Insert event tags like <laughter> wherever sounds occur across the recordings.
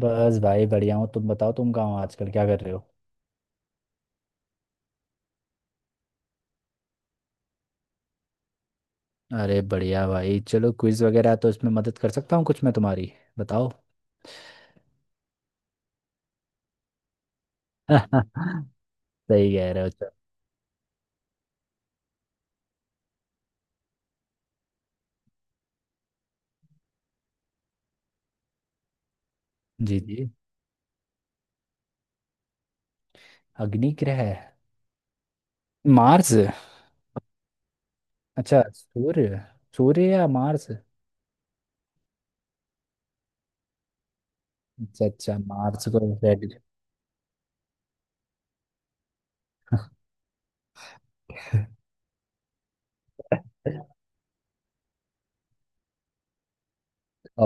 बस भाई बढ़िया हूँ। तुम बताओ, तुम कहाँ हो आजकल, क्या कर रहे हो? अरे बढ़िया भाई, चलो क्विज वगैरह है तो इसमें मदद कर सकता हूँ कुछ मैं तुम्हारी। बताओ। <laughs> सही कह रहे हो, चलो। जी जी। अग्नि ग्रह। मार्स। अच्छा सूर्य। सूर्य या मार्स। अच्छा अच्छा, मार्स को। रेड।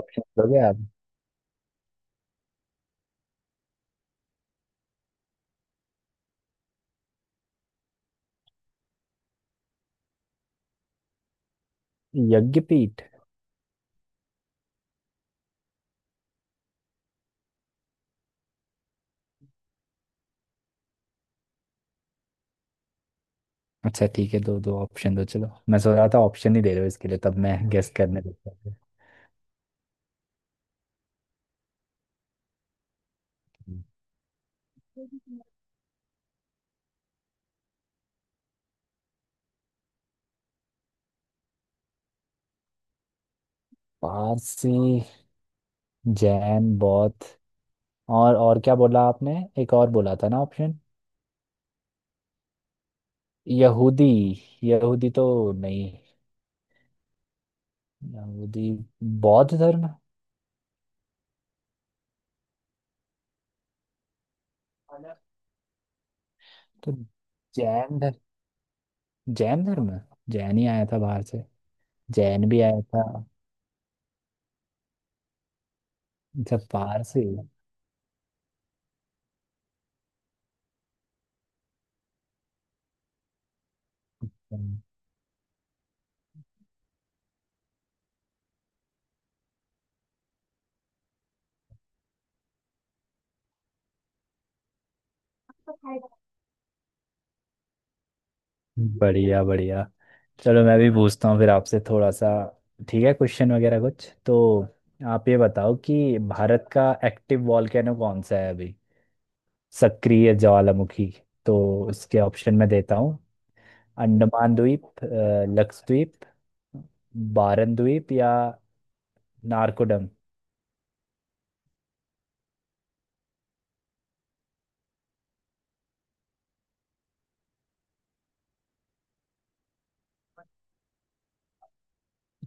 ऑप्शन दोगे आप? यज्ञपीठ। अच्छा ठीक है, दो दो ऑप्शन दो। चलो मैं सोच रहा था ऑप्शन ही दे रहे हो इसके लिए, तब मैं <laughs> गेस करने लगता था। पारसी। जैन, बौद्ध। और क्या बोला आपने? एक और बोला था ना ऑप्शन। यहूदी। यहूदी तो नहीं। यहूदी बौद्ध धर्म है। तो जैन धर्म। जैन धर्म है। जैन ही आया था बाहर से। जैन भी आया था। अच्छा पारसी। बढ़िया बढ़िया। चलो मैं भी पूछता हूँ फिर आपसे थोड़ा सा। ठीक है, क्वेश्चन वगैरह कुछ तो। आप ये बताओ कि भारत का एक्टिव वॉल्केनो कौन सा है अभी, सक्रिय ज्वालामुखी। तो इसके ऑप्शन में देता हूँ। अंडमान द्वीप, लक्षद्वीप, बारन द्वीप या नारकोडम।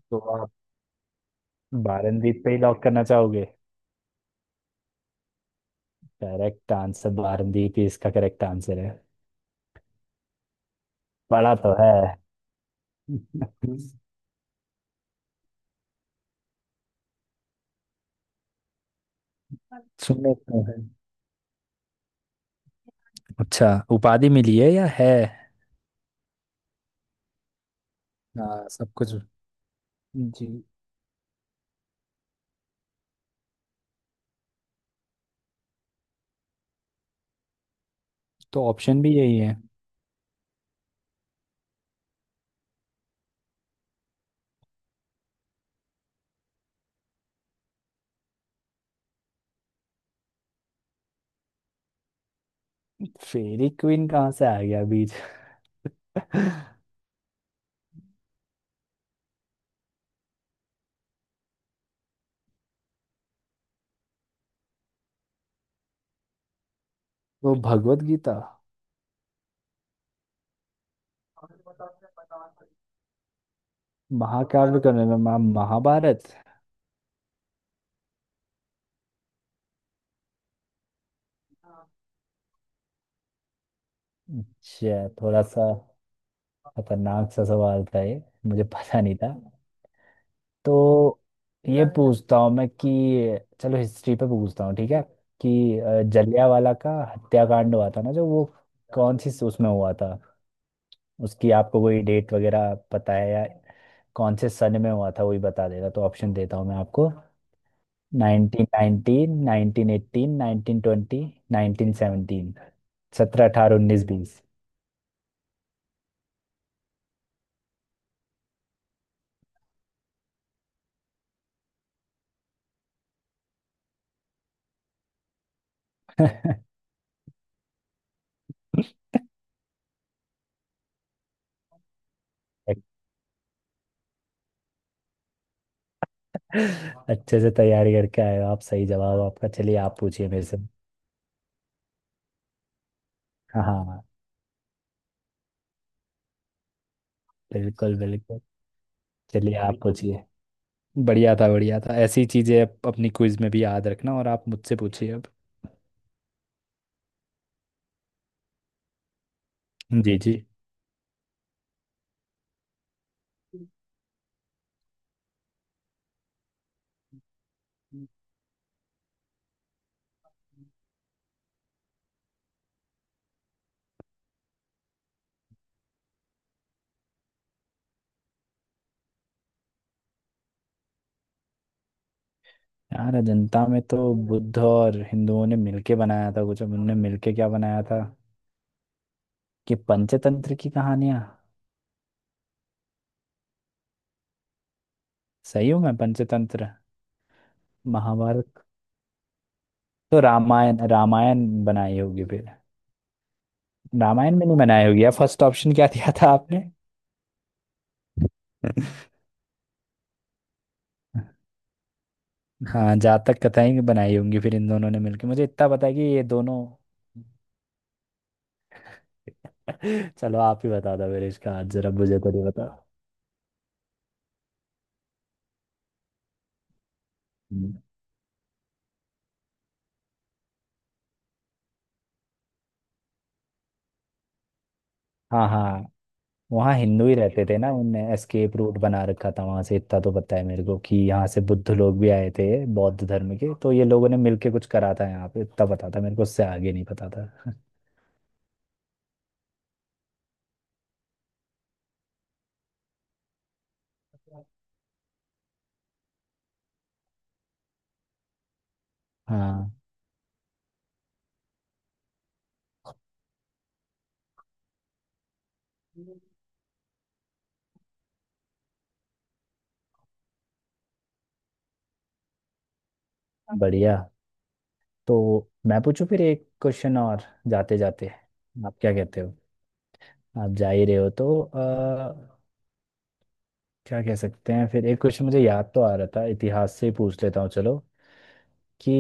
तो आप बारन द्वीप पे ही लॉक करना चाहोगे? करेक्ट आंसर बारन द्वीप ही इसका करेक्ट आंसर है। पढ़ा तो है। <laughs> सुने तो है। अच्छा, उपाधि मिली है या है? हाँ सब कुछ। जी। तो ऑप्शन भी यही है। फेरी क्वीन कहाँ से आ गया बीच? <laughs> वो भगवत गीता। महाकाव्य के में मैम महाभारत। अच्छा थोड़ा सा। खतरनाक सा सवाल था ये, मुझे पता नहीं था। तो ये पूछता हूँ मैं कि, चलो हिस्ट्री पे पूछता हूँ, ठीक है। कि जलियांवाला का हत्याकांड हुआ था ना जो वो, कौन सी उसमें हुआ था। उसकी आपको कोई डेट वगैरह पता है या कौन से सन में हुआ था वही बता देगा? तो ऑप्शन देता हूँ मैं आपको। Nineteen nineteen, nineteen eighteen, nineteen twenty, nineteen seventeen. सत्रह, अठारह, उन्नीस, बीस। अच्छे से तैयारी करके आए हो आप, सही जवाब आपका। चलिए आप पूछिए मेरे से। हाँ बिल्कुल बिल्कुल। चलिए आप पूछिए। बढ़िया था बढ़िया था, ऐसी चीजें अपनी क्विज में भी याद रखना। और आप मुझसे पूछिए अब। जी जी। यार अजंता में तो बुद्ध और हिंदुओं ने मिलके बनाया था कुछ, अब उनने मिलके क्या बनाया था? कि पंचतंत्र की कहानियां। सही हूँ मैं, पंचतंत्र? महाभारत। तो रामायण, रामायण बनाई होगी फिर। रामायण में नहीं बनाई होगी यार। फर्स्ट ऑप्शन क्या दिया था आपने? हाँ जातक कथाएं भी बनाई होंगी फिर, इन दोनों ने मिलकर। मुझे इतना पता है कि ये दोनों <laughs> चलो आप ही बता दो मेरे इसका आंसर, अब मुझे तो नहीं पता। हम्म। हाँ हाँ, वहाँ हिंदू ही रहते थे ना, उनने एस्केप रूट बना रखा था वहाँ से। इतना तो पता है मेरे को कि यहाँ से बुद्ध लोग भी आए थे। बौद्ध धर्म के तो ये लोगों ने मिलके कुछ करा था यहाँ पे, इतना पता था मेरे को, उससे आगे नहीं पता था। <laughs> हाँ। बढ़िया। तो मैं पूछूं फिर एक क्वेश्चन और, जाते जाते। आप क्या कहते हो? आप जा ही रहे हो तो क्या कह सकते हैं फिर एक क्वेश्चन। मुझे याद तो आ रहा था, इतिहास से ही पूछ लेता हूँ चलो। कि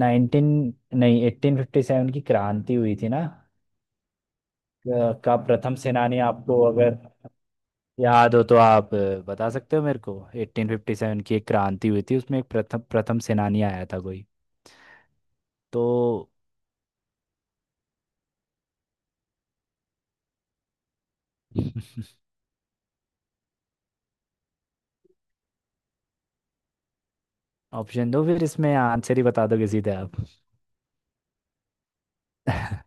19 नहीं 1857 की क्रांति हुई थी ना, का प्रथम सेनानी आपको अगर याद हो तो आप बता सकते हो मेरे को। 1857 की एक क्रांति हुई थी, उसमें एक प्रथम प्रथम सेनानी आया था कोई। तो <laughs> ऑप्शन दो फिर, इसमें आंसर ही बता दोगे सीधे आप? <laughs>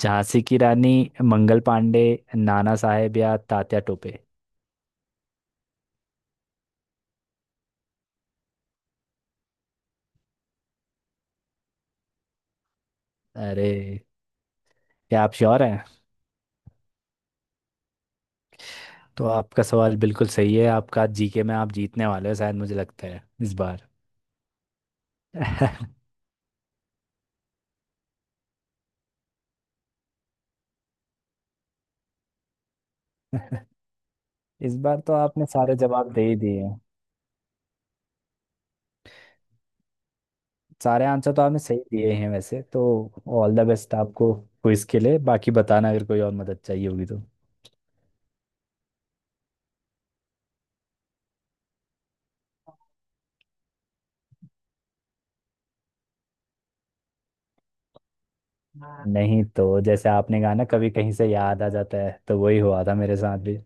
झांसी की रानी, मंगल पांडे, नाना साहेब या तात्या टोपे। अरे, क्या आप श्योर हैं? तो आपका सवाल बिल्कुल सही है, आपका। जीके में आप जीतने वाले हो शायद, मुझे लगता है इस बार। <laughs> इस बार तो आपने सारे जवाब दे ही दिए हैं, सारे आंसर तो आपने सही दिए हैं वैसे तो। ऑल द बेस्ट आपको क्विज के लिए, बाकी बताना अगर कोई और मदद चाहिए होगी तो। हाँ। नहीं तो जैसे आपने कहा ना, कभी कहीं से याद आ जाता है, तो वही हुआ था मेरे साथ भी।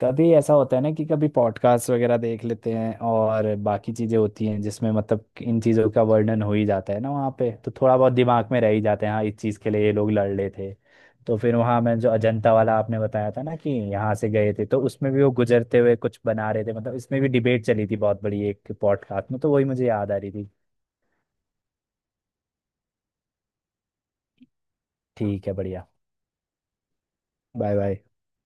कभी ऐसा होता है ना कि कभी पॉडकास्ट वगैरह देख लेते हैं और बाकी चीजें होती हैं जिसमें मतलब इन चीजों का वर्णन हो ही जाता है ना, वहाँ पे तो थोड़ा बहुत दिमाग में रह ही जाते हैं, हाँ इस चीज के लिए ये लोग लड़ रहे थे। तो फिर वहाँ मैं जो अजंता वाला आपने बताया था ना कि यहाँ से गए थे, तो उसमें भी वो गुजरते हुए कुछ बना रहे थे, मतलब इसमें भी डिबेट चली थी बहुत बड़ी एक पॉडकास्ट में, तो वही मुझे याद आ रही थी। ठीक है बढ़िया। Bye bye.